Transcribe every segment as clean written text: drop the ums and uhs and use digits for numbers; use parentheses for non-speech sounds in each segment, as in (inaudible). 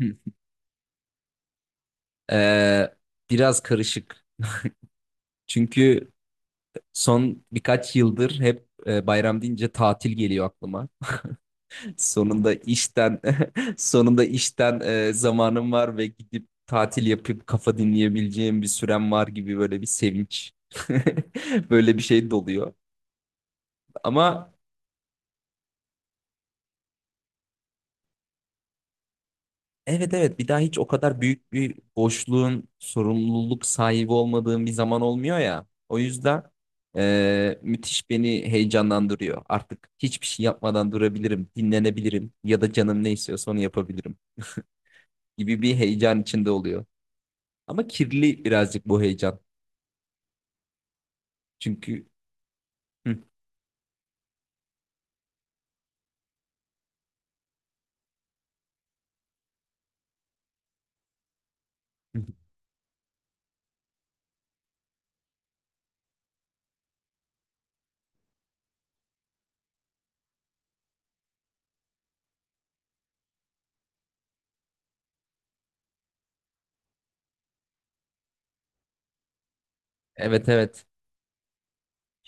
Hı. Ee, biraz karışık. Çünkü son birkaç yıldır hep bayram deyince tatil geliyor aklıma. (laughs) Sonunda işten (laughs) zamanım var ve gidip tatil yapıp kafa dinleyebileceğim bir sürem var gibi böyle bir sevinç. (laughs) Böyle bir şey doluyor. Ama evet, evet, bir daha hiç o kadar büyük bir boşluğun sorumluluk sahibi olmadığım bir zaman olmuyor ya. O yüzden müthiş beni heyecanlandırıyor. Artık hiçbir şey yapmadan durabilirim, dinlenebilirim ya da canım ne istiyorsa onu yapabilirim gibi bir heyecan içinde oluyor. Ama kirli birazcık bu heyecan. Çünkü hı, hı, evet, evet.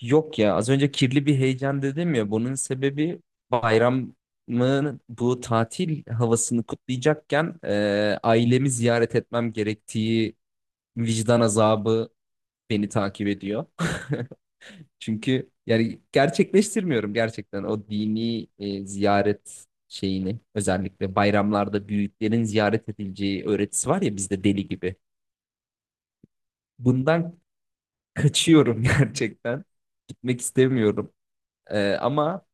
Yok ya, az önce kirli bir heyecan dedim ya, bunun sebebi bayramın bu tatil havasını kutlayacakken ailemi ziyaret etmem gerektiği vicdan azabı beni takip ediyor. (laughs) Çünkü yani gerçekleştirmiyorum gerçekten o dini ziyaret şeyini, özellikle bayramlarda büyüklerin ziyaret edileceği öğretisi var ya bizde deli gibi. Bundan kaçıyorum, (laughs) gerçekten gitmek istemiyorum. Ama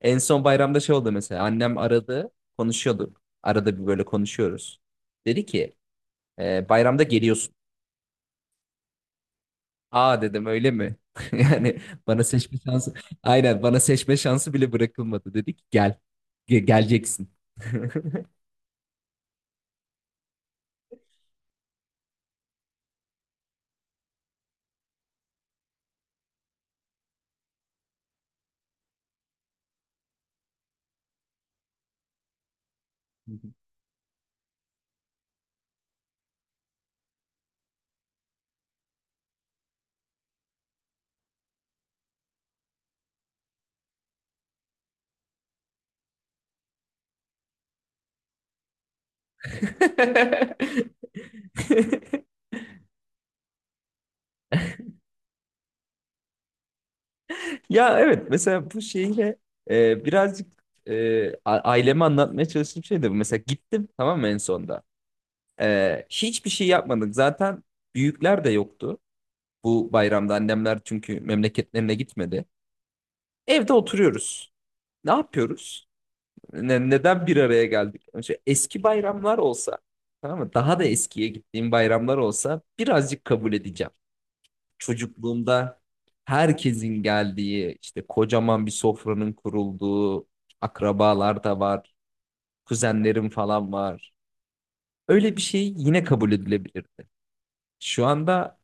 en son bayramda şey oldu mesela. Annem aradı. Konuşuyorduk. Arada bir böyle konuşuyoruz. Dedi ki, "Bayramda geliyorsun." Aa, dedim, öyle mi? (laughs) Yani bana seçme şansı. Aynen, bana seçme şansı bile bırakılmadı. Dedi ki gel. Geleceksin. (laughs) Ya evet, mesela bu şeyle birazcık aileme anlatmaya çalıştığım şey de bu. Mesela gittim, tamam mı, en sonda. Hiçbir şey yapmadık. Zaten büyükler de yoktu. Bu bayramda annemler çünkü memleketlerine gitmedi. Evde oturuyoruz. Ne yapıyoruz? Neden bir araya geldik? Önce eski bayramlar olsa, tamam mı? Daha da eskiye gittiğim bayramlar olsa birazcık kabul edeceğim. Çocukluğumda herkesin geldiği, işte kocaman bir sofranın kurulduğu, akrabalar da var, kuzenlerim falan var. Öyle bir şey yine kabul edilebilirdi. Şu anda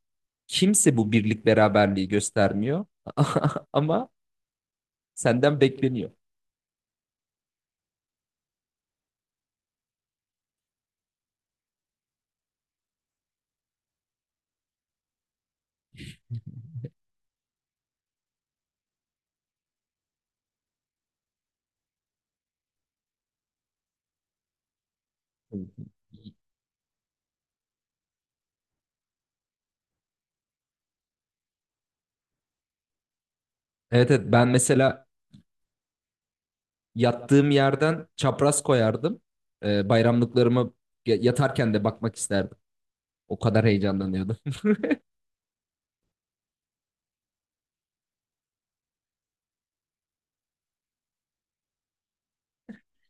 kimse bu birlik beraberliği göstermiyor. (laughs) Ama senden bekleniyor. Evet, evet, ben mesela yattığım yerden çapraz koyardım. Bayramlıklarımı yatarken de bakmak isterdim. O kadar heyecanlanıyordum.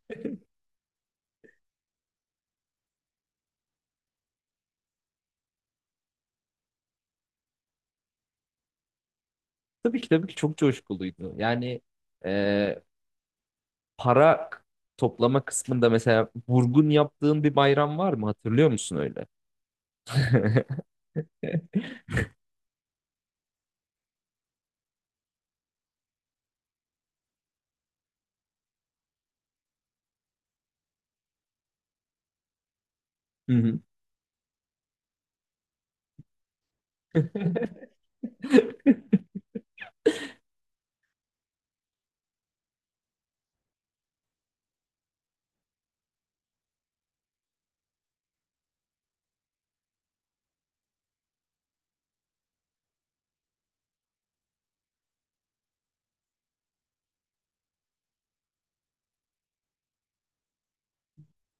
(laughs) Tabii ki, tabii ki çok coşkuluydu. Yani e, para toplama kısmında mesela vurgun yaptığın bir bayram var mı? Hatırlıyor musun öyle? (laughs) Hı hı. (laughs)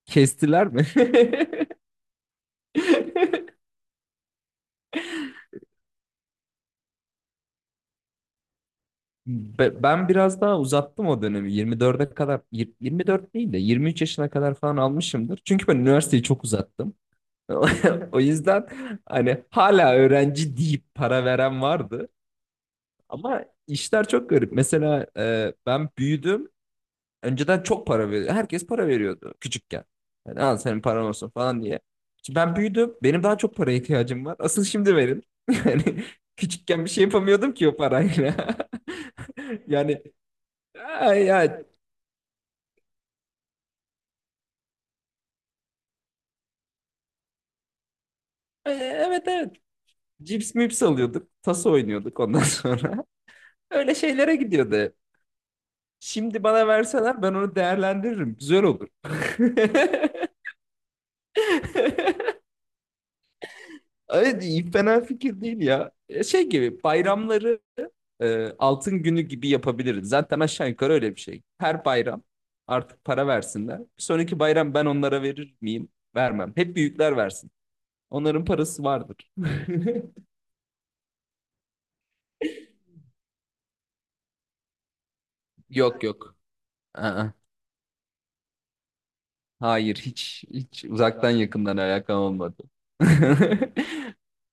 Kestiler mi? (laughs) Ben biraz daha uzattım o dönemi. 24'e kadar, 24 değil de 23 yaşına kadar falan almışımdır. Çünkü ben üniversiteyi çok uzattım. (laughs) O yüzden hani hala öğrenci deyip para veren vardı. Ama işler çok garip. Mesela, ben büyüdüm. Önceden çok para veriyordu. Herkes para veriyordu küçükken. Yani al, senin paran olsun falan diye. Şimdi ben büyüdüm. Benim daha çok paraya ihtiyacım var. Asıl şimdi verin. (laughs) Yani küçükken bir şey yapamıyordum ki o parayla. (laughs) Yani ay, ay. Evet evet. Cips mips alıyorduk. Taso oynuyorduk ondan sonra. (laughs) Öyle şeylere gidiyordu hep. Şimdi bana verseler ben onu değerlendiririm. Güzel olur. (laughs) Evet, iyi, fena fikir değil ya. Şey gibi bayramları altın günü gibi yapabiliriz. Zaten aşağı yukarı öyle bir şey. Her bayram artık para versinler. Bir sonraki bayram ben onlara verir miyim? Vermem. Hep büyükler versin. Onların parası vardır. (laughs) Yok, yok. Aa. Hayır, hiç hiç uzaktan yakından alakam olmadı. (laughs)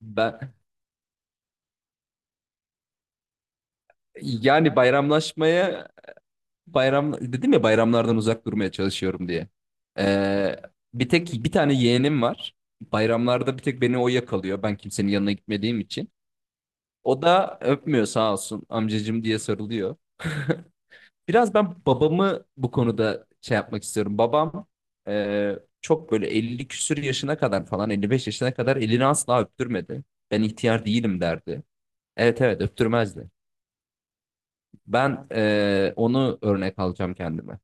Ben, yani bayramlaşmaya, bayram dedim ya, bayramlardan uzak durmaya çalışıyorum diye. Ee, bir tek bir tane yeğenim var. Bayramlarda bir tek beni o yakalıyor. Ben kimsenin yanına gitmediğim için. O da öpmüyor, sağ olsun, amcacım diye sarılıyor. (laughs) Biraz ben babamı bu konuda şey yapmak istiyorum. Babam, çok böyle 50 küsür yaşına kadar falan, 55 yaşına kadar elini asla öptürmedi. Ben ihtiyar değilim, derdi. Evet, evet, öptürmezdi. Ben, onu örnek alacağım kendime.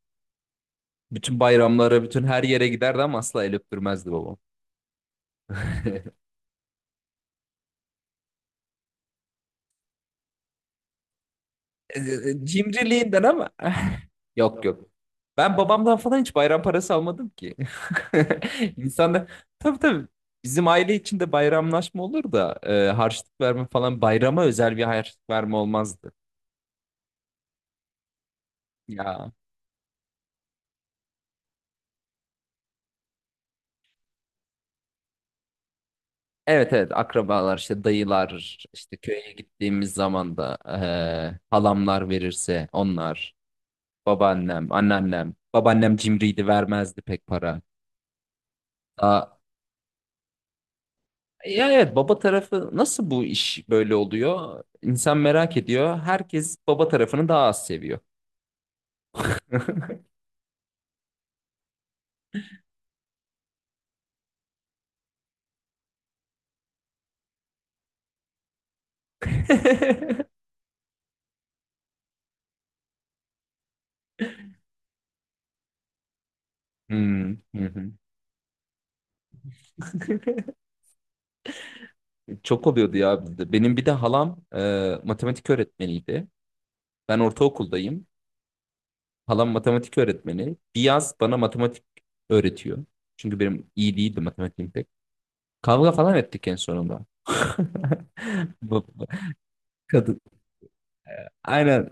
Bütün bayramlara, bütün her yere giderdi ama asla el öptürmezdi babam. (laughs) Cimriliğinden ama. (laughs) Yok, yok. Ben babamdan falan hiç bayram parası almadım ki. (laughs) İnsanlar, tabii tabii bizim aile içinde bayramlaşma olur da harçlık verme falan, bayrama özel bir harçlık verme olmazdı. Ya evet, evet, akrabalar işte, dayılar işte, köye gittiğimiz zaman da halamlar verirse onlar. Babaannem, anneannem, babaannem cimriydi, vermezdi pek para. Aa, ya evet, baba tarafı nasıl bu iş böyle oluyor? İnsan merak ediyor. Herkes baba tarafını daha az seviyor. (laughs) Hmm, hı hı. Çok oluyordu ya bizde. Benim bir de halam, matematik öğretmeniydi. Ben ortaokuldayım. Halam matematik öğretmeni. Bir yaz bana matematik öğretiyor. Çünkü benim iyi değildi matematiğim pek. Kavga falan ettik en sonunda. (laughs) Bu- bu- Aynen.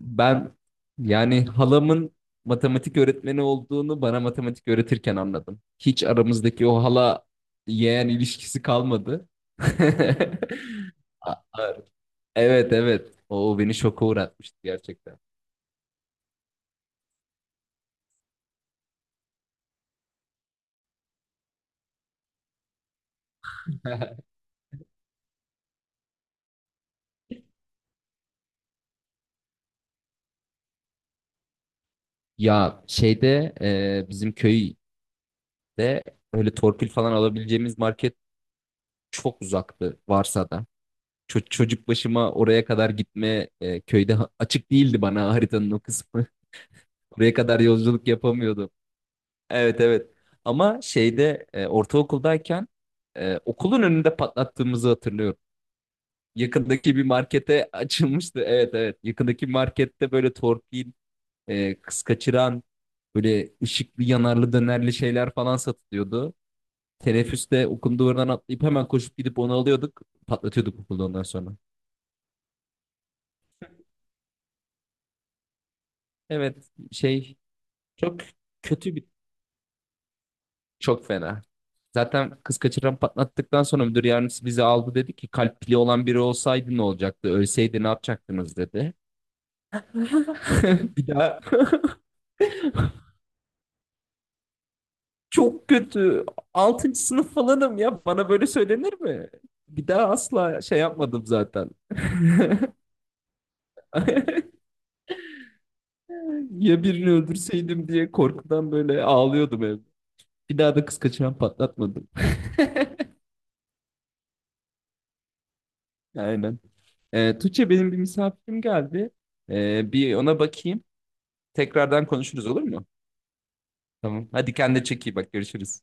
Ben, yani halamın matematik öğretmeni olduğunu bana matematik öğretirken anladım. Hiç aramızdaki o hala yeğen ilişkisi kalmadı. (laughs) A- a- Evet, evet. O beni şoka uğratmıştı gerçekten. (laughs) Ya şeyde, bizim köyde öyle torpil falan alabileceğimiz market çok uzaktı, varsa da. Çocuk başıma oraya kadar gitme, köyde açık değildi bana haritanın o kısmı. Buraya kadar yolculuk yapamıyordum. Evet, evet. Ama şeyde, ortaokuldayken okulun önünde patlattığımızı hatırlıyorum. Yakındaki bir markete (laughs) açılmıştı. Evet, evet. Yakındaki markette böyle torpil, kız kaçıran, böyle ışıklı yanarlı dönerli şeyler falan satılıyordu. Teneffüste okulun duvarından atlayıp hemen koşup gidip onu alıyorduk. Patlatıyorduk okulda ondan sonra. Evet, şey, çok kötü bir. Çok fena. Zaten kız kaçıran patlattıktan sonra müdür yardımcısı bizi aldı, dedi ki, kalp pili olan biri olsaydı ne olacaktı? Ölseydi ne yapacaktınız, dedi. (laughs) Bir daha. (laughs) Çok kötü. Altıncı sınıf falanım ya. Bana böyle söylenir mi? Bir daha asla şey yapmadım zaten. (laughs) Ya birini öldürseydim diye korkudan böyle ağlıyordum evde. Bir daha da kız kaçıran patlatmadım. (laughs) Aynen. Tuğçe benim bir misafirim geldi. Bir ona bakayım. Tekrardan konuşuruz, olur mu? Tamam. Hadi kendine çek, iyi bak, görüşürüz.